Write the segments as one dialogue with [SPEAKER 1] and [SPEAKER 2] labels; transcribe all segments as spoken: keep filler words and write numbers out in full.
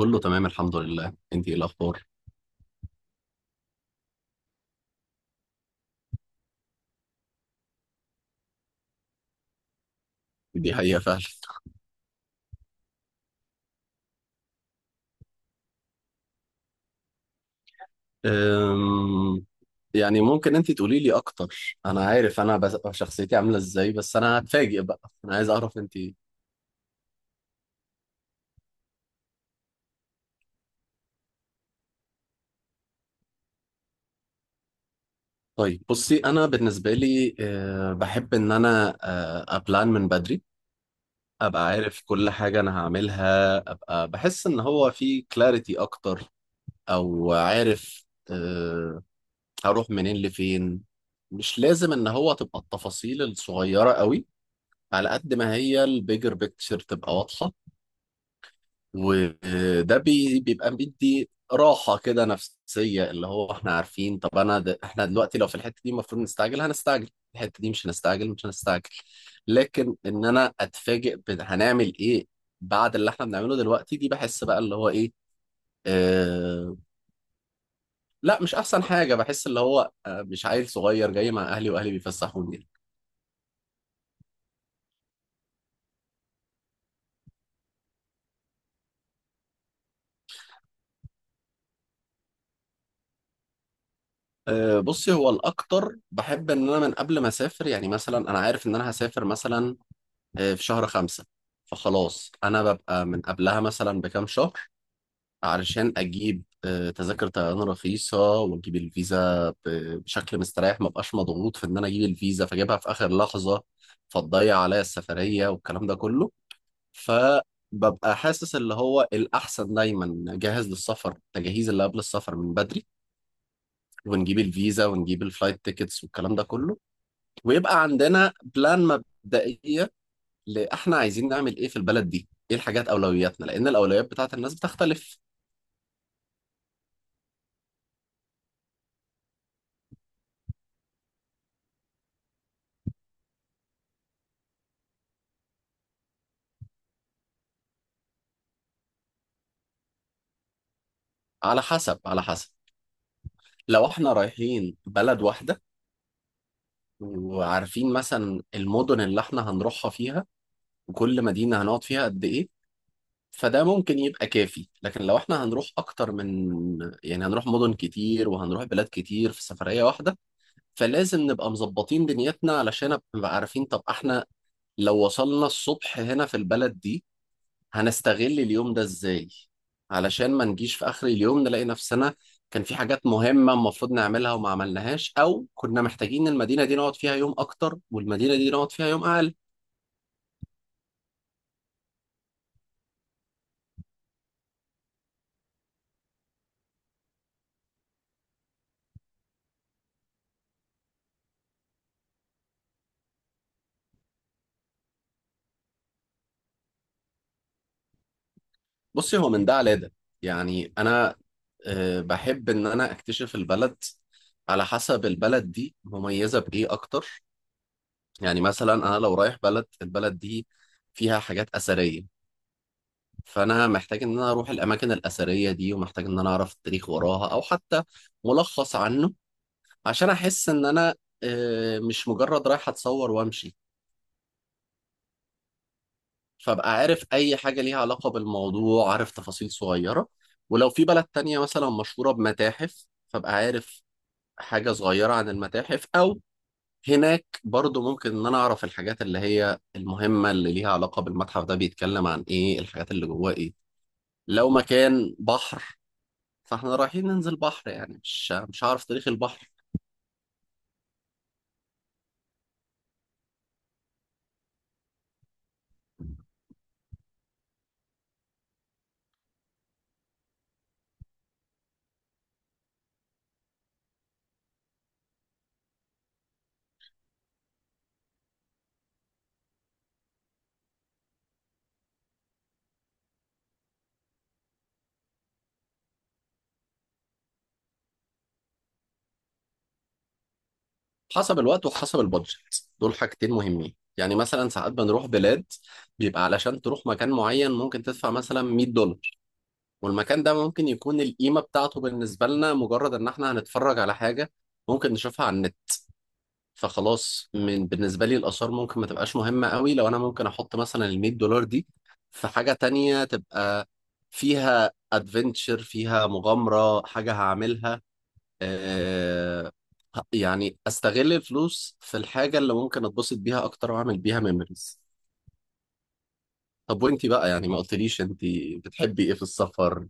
[SPEAKER 1] كله تمام الحمد لله، انت ايه الاخبار؟ دي حقيقة فعلا. أم... يعني ممكن انت تقولي لي اكتر، انا عارف انا بس... شخصيتي عاملة ازاي، بس انا هتفاجئ بقى، انا عايز اعرف انت ايه. طيب بصي، انا بالنسبة لي أه... بحب ان انا أه... ابلان من بدري، ابقى عارف كل حاجة انا هعملها، ابقى بحس ان هو في كلاريتي اكتر او عارف أه... هروح منين لفين. مش لازم ان هو تبقى التفاصيل الصغيرة قوي على قد ما هي البيجر بيكتشر تبقى واضحة. وده بي بيبقى بيدي راحة كده نفسية، اللي هو احنا عارفين طب انا د... احنا دلوقتي لو في الحتة دي المفروض نستعجل هنستعجل، الحتة دي مش هنستعجل مش هنستعجل لكن ان انا اتفاجئ ب... هنعمل ايه بعد اللي احنا بنعمله دلوقتي، دي بحس بقى اللي هو ايه. اه... لا مش احسن حاجة، بحس اللي هو آه، مش عيل صغير جاي مع اهلي واهلي بيفسحوني. أه، بصي، هو الأكتر بحب إن أنا من قبل ما أسافر، يعني مثلا أنا عارف إن أنا هسافر مثلا أه، في شهر خمسة، فخلاص أنا ببقى من قبلها مثلا بكام شهر علشان أجيب أه، تذاكر طيران رخيصة، وأجيب الفيزا ب- بشكل مستريح، ما بقاش مضغوط في إن أنا أجيب الفيزا فأجيبها في آخر لحظة فتضيع عليا السفرية والكلام ده كله. فببقى حاسس اللي هو الأحسن دايما جاهز للسفر، التجهيز اللي قبل السفر من بدري، ونجيب الفيزا ونجيب الفلايت تيكتس والكلام ده كله. ويبقى عندنا بلان مبدئية، لإحنا عايزين نعمل إيه في البلد دي، إيه الحاجات أولوياتنا، لأن الأولويات بتاعت الناس بتختلف. على حسب، على حسب. لو إحنا رايحين بلد واحدة وعارفين مثلا المدن اللي إحنا هنروحها فيها وكل مدينة هنقعد فيها قد إيه، فده ممكن يبقى كافي. لكن لو إحنا هنروح أكتر من، يعني هنروح مدن كتير وهنروح بلاد كتير في سفرية واحدة، فلازم نبقى مظبطين دنيتنا علشان نبقى عارفين طب احنا لو وصلنا الصبح هنا في البلد دي هنستغل اليوم ده ازاي، علشان ما نجيش في اخر اليوم نلاقي نفسنا كان في حاجات مهمة المفروض نعملها وما عملناش، او كنا محتاجين المدينة دي نقعد فيها يوم اكتر والمدينة دي نقعد فيها يوم اقل. بصي، هو من ده على ده، يعني انا آه، بحب ان انا اكتشف البلد على حسب البلد دي مميزة بايه اكتر. يعني مثلا انا لو رايح بلد، البلد دي فيها حاجات اثريه، فانا محتاج ان انا اروح الاماكن الاثريه دي، ومحتاج ان انا اعرف التاريخ وراها او حتى ملخص عنه، عشان احس ان انا آه، مش مجرد رايح اتصور وامشي. فابقى عارف اي حاجه ليها علاقه بالموضوع، عارف تفاصيل صغيره. ولو في بلد تانية مثلا مشهوره بمتاحف فابقى عارف حاجه صغيره عن المتاحف، او هناك برضو ممكن ان انا اعرف الحاجات اللي هي المهمة اللي ليها علاقة بالمتحف ده، بيتكلم عن ايه، الحاجات اللي جواه ايه. لو مكان بحر فاحنا رايحين ننزل بحر، يعني مش مش هعرف تاريخ البحر. حسب الوقت وحسب البادجت، دول حاجتين مهمين. يعني مثلا ساعات بنروح بلاد بيبقى علشان تروح مكان معين ممكن تدفع مثلا مية دولار، والمكان ده ممكن يكون القيمة بتاعته بالنسبة لنا مجرد ان احنا هنتفرج على حاجة ممكن نشوفها على النت. فخلاص من بالنسبة لي الآثار ممكن ما تبقاش مهمة قوي لو أنا ممكن أحط مثلا ال مية دولار دي في حاجة تانية تبقى فيها ادفنتشر، فيها مغامرة، حاجة هعملها آه. يعني أستغل الفلوس في الحاجة اللي ممكن أتبسط بيها أكتر وأعمل بيها ميموريز. طب وأنتي بقى، يعني ما قلتليش أنتي بتحبي إيه في السفر.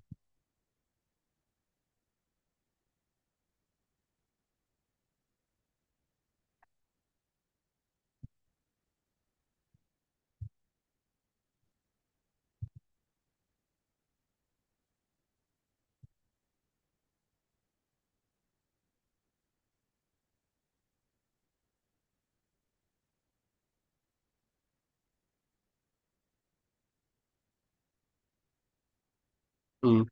[SPEAKER 1] مم.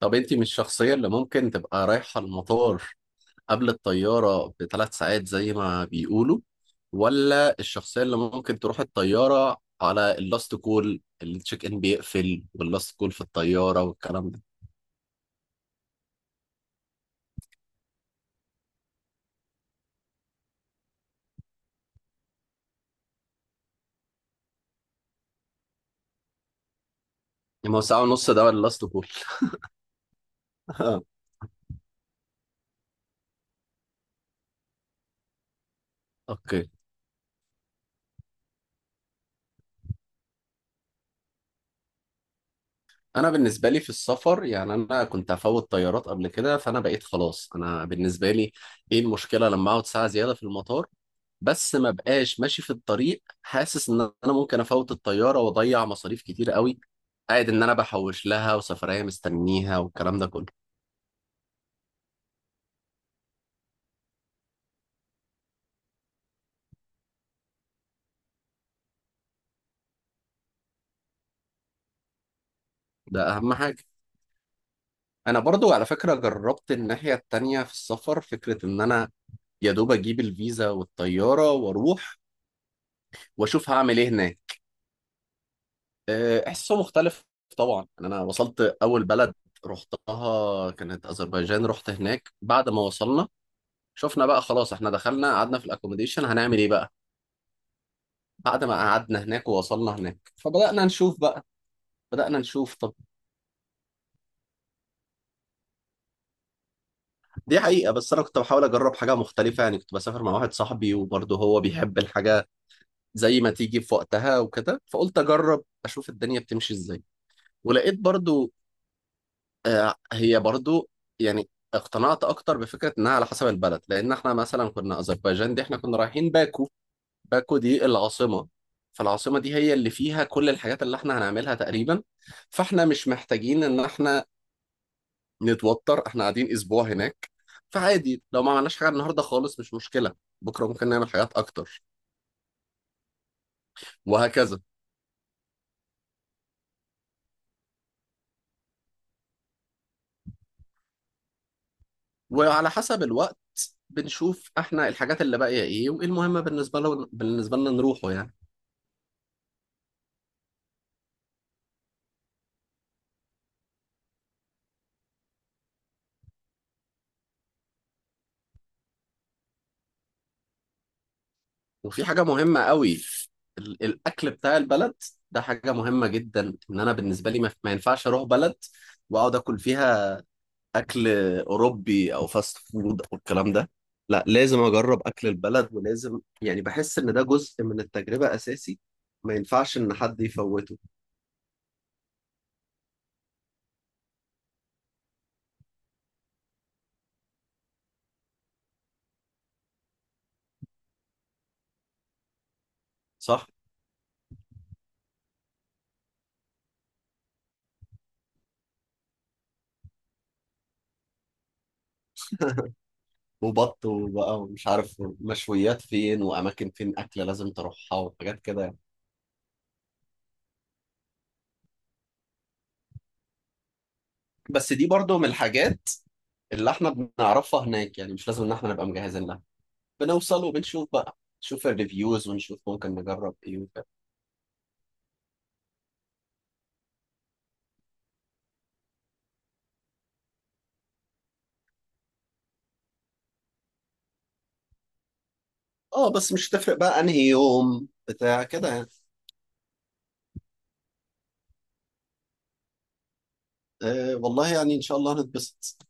[SPEAKER 1] طب أنتي مش الشخصية اللي ممكن تبقى رايحة المطار قبل الطيارة بثلاث ساعات زي ما بيقولوا، ولا الشخصية اللي ممكن تروح الطيارة على اللاست كول، التشيك ان بيقفل واللاست كول في الطيارة والكلام ده؟ يعني ما هو ساعة ونص ده ولا اللاست كول؟ اوكي. انا بالنسبة لي في السفر، يعني انا كنت هفوت طيارات قبل كده، فانا بقيت خلاص انا بالنسبة لي ايه المشكلة لما اقعد ساعة زيادة في المطار، بس ما بقاش ماشي في الطريق حاسس ان انا ممكن افوت الطياره واضيع مصاريف كتير قوي، قاعد ان انا بحوش لها وسفريه مستنيها والكلام ده كله. ده اهم حاجه. انا برضو على فكره جربت الناحيه التانية في السفر، فكره ان انا يا دوب اجيب الفيزا والطياره واروح واشوف هعمل ايه هناك. أه، احساسه مختلف طبعا. يعني انا وصلت اول بلد رحتها كانت اذربيجان، رحت هناك بعد ما وصلنا شفنا بقى خلاص احنا دخلنا قعدنا في الاكوموديشن، هنعمل ايه بقى. بعد ما قعدنا هناك ووصلنا هناك فبدأنا نشوف بقى، بدأنا نشوف طب. دي حقيقة، بس أنا كنت بحاول أجرب حاجة مختلفة، يعني كنت بسافر مع واحد صاحبي وبرضه هو بيحب الحاجة زي ما تيجي في وقتها وكده، فقلت أجرب أشوف الدنيا بتمشي إزاي. ولقيت برضه آه، هي برضه يعني اقتنعت أكتر بفكرة إنها على حسب البلد. لأن إحنا مثلا كنا أذربيجان، دي إحنا كنا رايحين باكو، باكو دي العاصمة، فالعاصمة دي هي اللي فيها كل الحاجات اللي إحنا هنعملها تقريبا. فاحنا مش محتاجين ان احنا نتوتر، احنا قاعدين اسبوع هناك، فعادي لو ما عملناش حاجه النهارده خالص مش مشكله، بكره ممكن نعمل حاجات اكتر وهكذا. وعلى حسب الوقت بنشوف احنا الحاجات اللي باقيه ايه، وايه المهمه بالنسبه له بالنسبه لنا نروحه يعني. وفي حاجه مهمه قوي، ال- الاكل بتاع البلد، ده حاجه مهمه جدا. ان انا بالنسبه لي ما ما ينفعش اروح بلد واقعد اكل فيها اكل اوروبي او فاست فود او الكلام ده. لا لازم اجرب اكل البلد، ولازم يعني بحس ان ده جزء من التجربة اساسي، ما ينفعش ان حد يفوته. صح. وبط وبقى ومش عارف، مشويات فين واماكن فين اكل لازم تروحها وحاجات كده يعني. بس دي برضو من الحاجات اللي احنا بنعرفها هناك، يعني مش لازم ان احنا نبقى مجهزين لها، بنوصل وبنشوف بقى، نشوف الريفيوز ونشوف ممكن نجرب ايه وكده. اه بس مش هتفرق بقى انهي يوم بتاع كده يعني. آه والله يعني ان شاء الله هنتبسط.